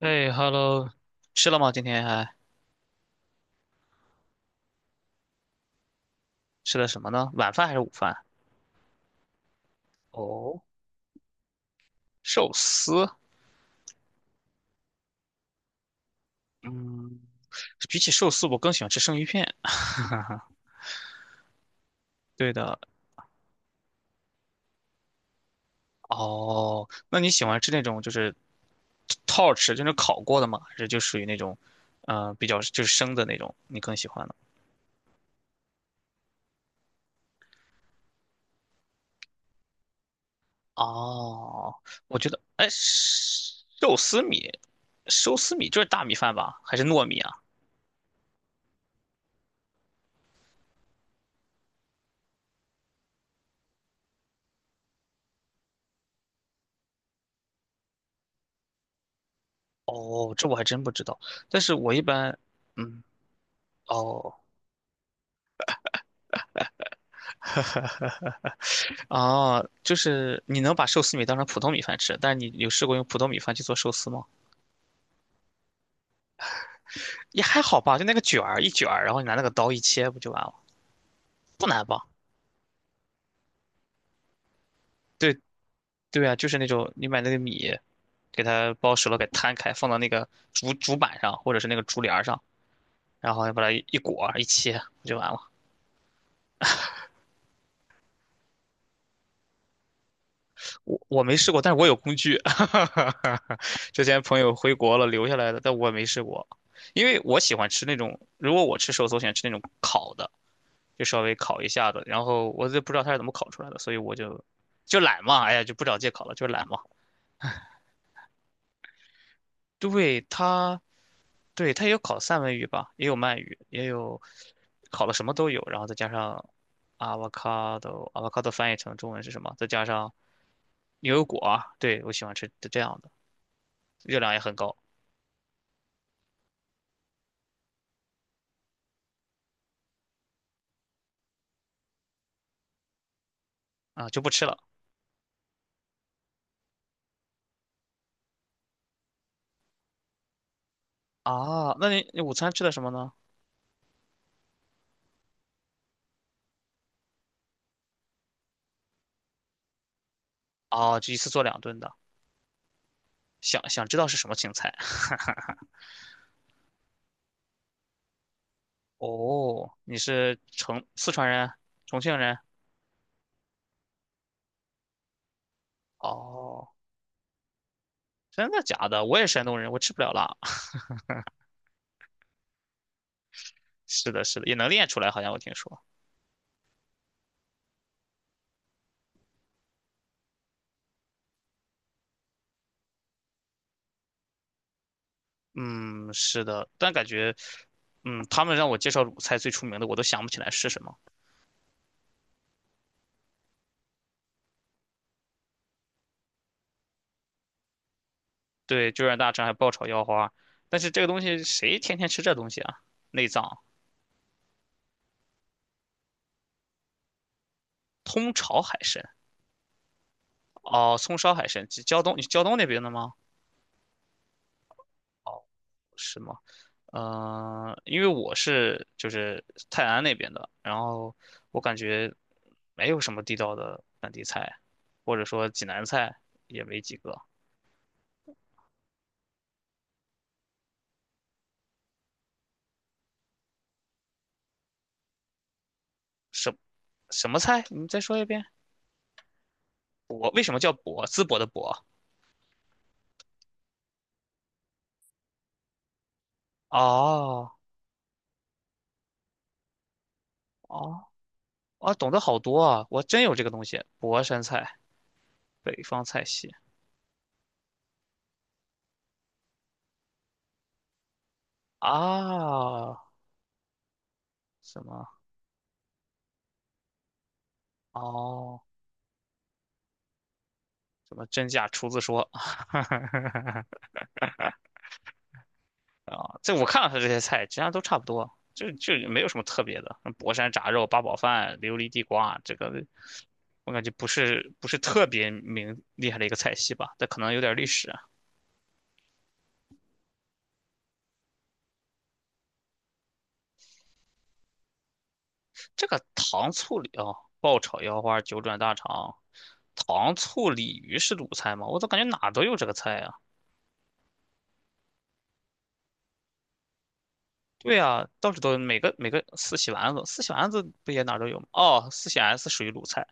哎，hello，吃了吗？今天还吃的什么呢？晚饭还是午饭？哦，寿司。嗯，比起寿司，我更喜欢吃生鱼片。对的。哦，那你喜欢吃那种就是套吃，就是烤过的吗？还是就属于那种，比较就是生的那种，你更喜欢呢？哦，我觉得，哎，寿司米就是大米饭吧？还是糯米啊？哦，这我还真不知道。但是我一般，嗯，哦。哦，就是你能把寿司米当成普通米饭吃，但是你有试过用普通米饭去做寿司吗？也还好吧，就那个卷儿一卷儿，然后你拿那个刀一切，不就完了？不难吧？对对啊，就是那种你买那个米，给它包熟了，给摊开，放到那个竹板上或者是那个竹帘儿上，然后把它一裹一切，不就完了？我没试过，但是我有工具，之前朋友回国了留下来的，但我没试过，因为我喜欢吃那种，如果我吃寿司，我喜欢吃那种烤的。就稍微烤一下子，然后我就不知道他是怎么烤出来的，所以我就懒嘛，哎呀，就不找借口了，就是懒嘛。对他，对他也有烤三文鱼吧，也有鳗鱼，也有烤的什么都有，然后再加上 avocado，avocado 翻译成中文是什么？再加上牛油果啊，对，我喜欢吃这样的，热量也很高啊，就不吃了啊。那你午餐吃的什么呢？啊，就一次做两顿的。想想知道是什么青菜？哦，你是成四川人，重庆人？哦，真的假的？我也山东人，我吃不了辣。是的，是的，也能练出来，好像我听说。嗯，是的，但感觉，嗯，他们让我介绍鲁菜最出名的，我都想不起来是什么。对，就让大肠还爆炒腰花，但是这个东西谁天天吃这东西啊？内脏，通炒海参，哦，葱烧海参，胶东，你胶东那边的吗？哦，是吗？因为我是就是泰安那边的，然后我感觉没有什么地道的本地菜，或者说济南菜也没几个。什什么菜？你再说一遍。博为什么叫博？淄博的博。哦哦哦，懂得好多啊！我真有这个东西，博山菜，北方菜系啊，什么哦，什么真假厨子说。啊，这我看了他这些菜，其他都差不多，就没有什么特别的。博山炸肉、八宝饭、琉璃地瓜，这个我感觉不是特别明厉害的一个菜系吧，但可能有点历史啊。这个糖醋鲤哦，爆炒腰花、九转大肠、糖醋鲤鱼是鲁菜吗？我咋感觉哪都有这个菜啊？对啊，到处都有每个四喜丸子，四喜丸子不也哪都有吗？哦，四喜丸子属于鲁菜。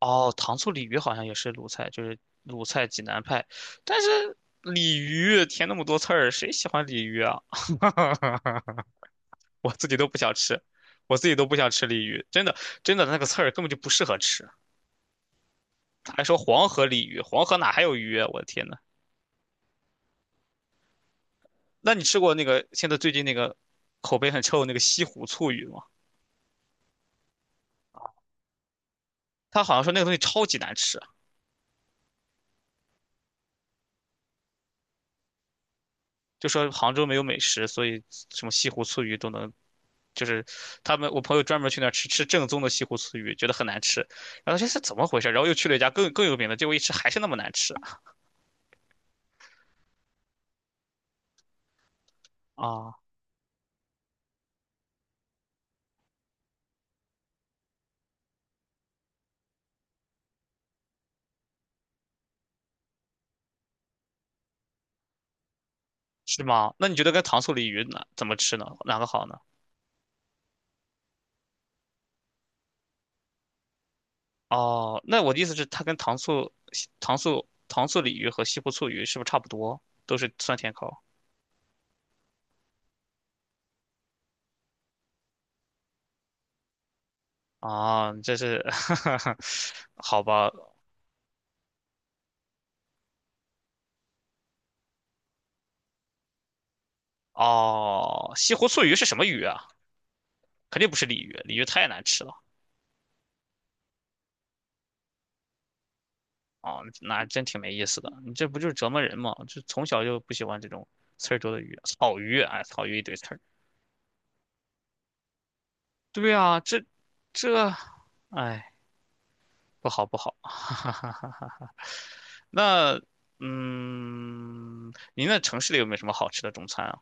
哦，糖醋鲤鱼好像也是鲁菜，就是鲁菜济南派。但是鲤鱼填那么多刺儿，谁喜欢鲤鱼啊？我自己都不想吃，我自己都不想吃鲤鱼，真的真的那个刺儿根本就不适合吃。他还说黄河鲤鱼，黄河哪还有鱼啊？我的天呐，那你吃过那个现在最近那个口碑很臭的那个西湖醋鱼吗？他好像说那个东西超级难吃，就说杭州没有美食，所以什么西湖醋鱼都能就是他们我朋友专门去那儿吃吃正宗的西湖醋鱼，觉得很难吃，然后这是怎么回事？然后又去了一家更有名的，结果一吃还是那么难吃啊？是吗？那你觉得跟糖醋鲤鱼哪怎么吃呢？哪个好呢？哦，那我的意思是，它跟糖醋鲤鱼和西湖醋鱼是不是差不多？都是酸甜口啊？这是 好吧？哦，西湖醋鱼是什么鱼啊？肯定不是鲤鱼，鲤鱼太难吃了。哦，那真挺没意思的。你这不就是折磨人吗？就从小就不喜欢这种刺儿多的鱼，草鱼，哎，草鱼一堆刺儿。对啊，这这，哎，不好不好。那，嗯，您那城市里有没有什么好吃的中餐啊？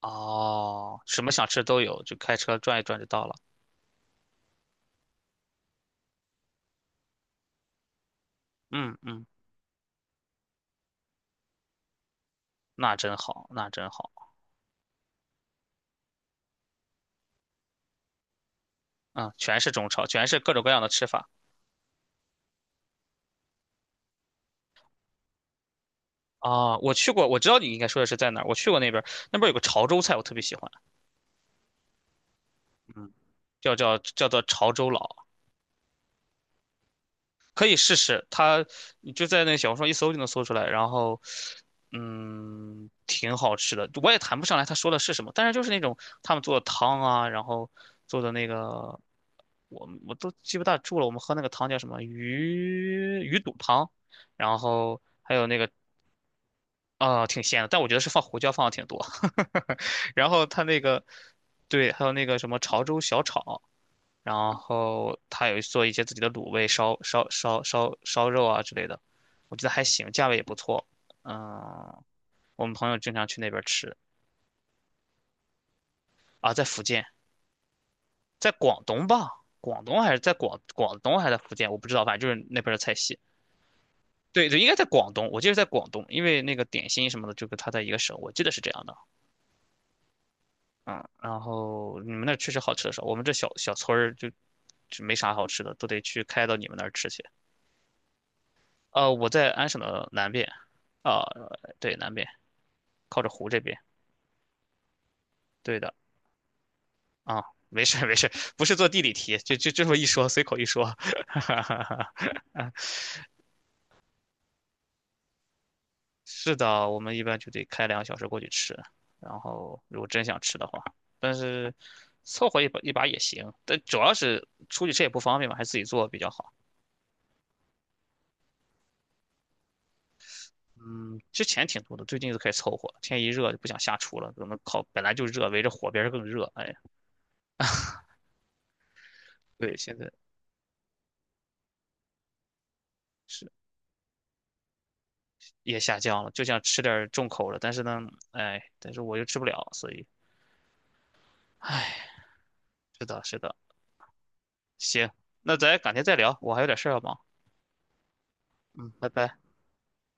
哦，什么想吃都有，就开车转一转就到了。嗯嗯，那真好，那真好。嗯，全是中超，全是各种各样的吃法啊。我去过，我知道你应该说的是在哪儿。我去过那边儿，那边儿有个潮州菜，我特别喜欢。嗯，叫做潮州佬，可以试试。它你就在那小红书上一搜就能搜出来，然后嗯，挺好吃的。我也谈不上来他说的是什么，但是就是那种他们做的汤啊，然后做的那个我都记不大住了。我们喝那个汤叫什么鱼肚汤，然后还有那个啊、挺鲜的，但我觉得是放胡椒放的挺多。然后他那个对，还有那个什么潮州小炒，然后他有做一些自己的卤味、烧肉啊之类的，我觉得还行，价位也不错。嗯，我们朋友经常去那边吃啊，在福建，在广东吧，广东还是在广东还是在福建，我不知道，反正就是那边的菜系。对对，应该在广东，我记得在广东，因为那个点心什么的，就跟他在一个省，我记得是这样的。嗯，然后你们那儿确实好吃的少，我们这小小村儿就没啥好吃的，都得去开到你们那儿吃去。我在安省的南边，啊、对，南边靠着湖这边。对的，啊，没事儿没事儿不是做地理题，就这么一说，随口一说。是的，我们一般就得开2个小时过去吃，然后如果真想吃的话，但是凑合一把一把也行。但主要是出去吃也不方便嘛，还是自己做比较好。嗯，之前挺多的，最近就开始凑合了天一热就不想下厨了，可能烤本来就热，围着火边儿更热。哎，对，现在。是。也下降了，就想吃点儿重口的，但是呢，哎，但是我又吃不了，所以是的，是的，行，那咱改天再聊，我还有点事儿要忙，嗯，拜拜。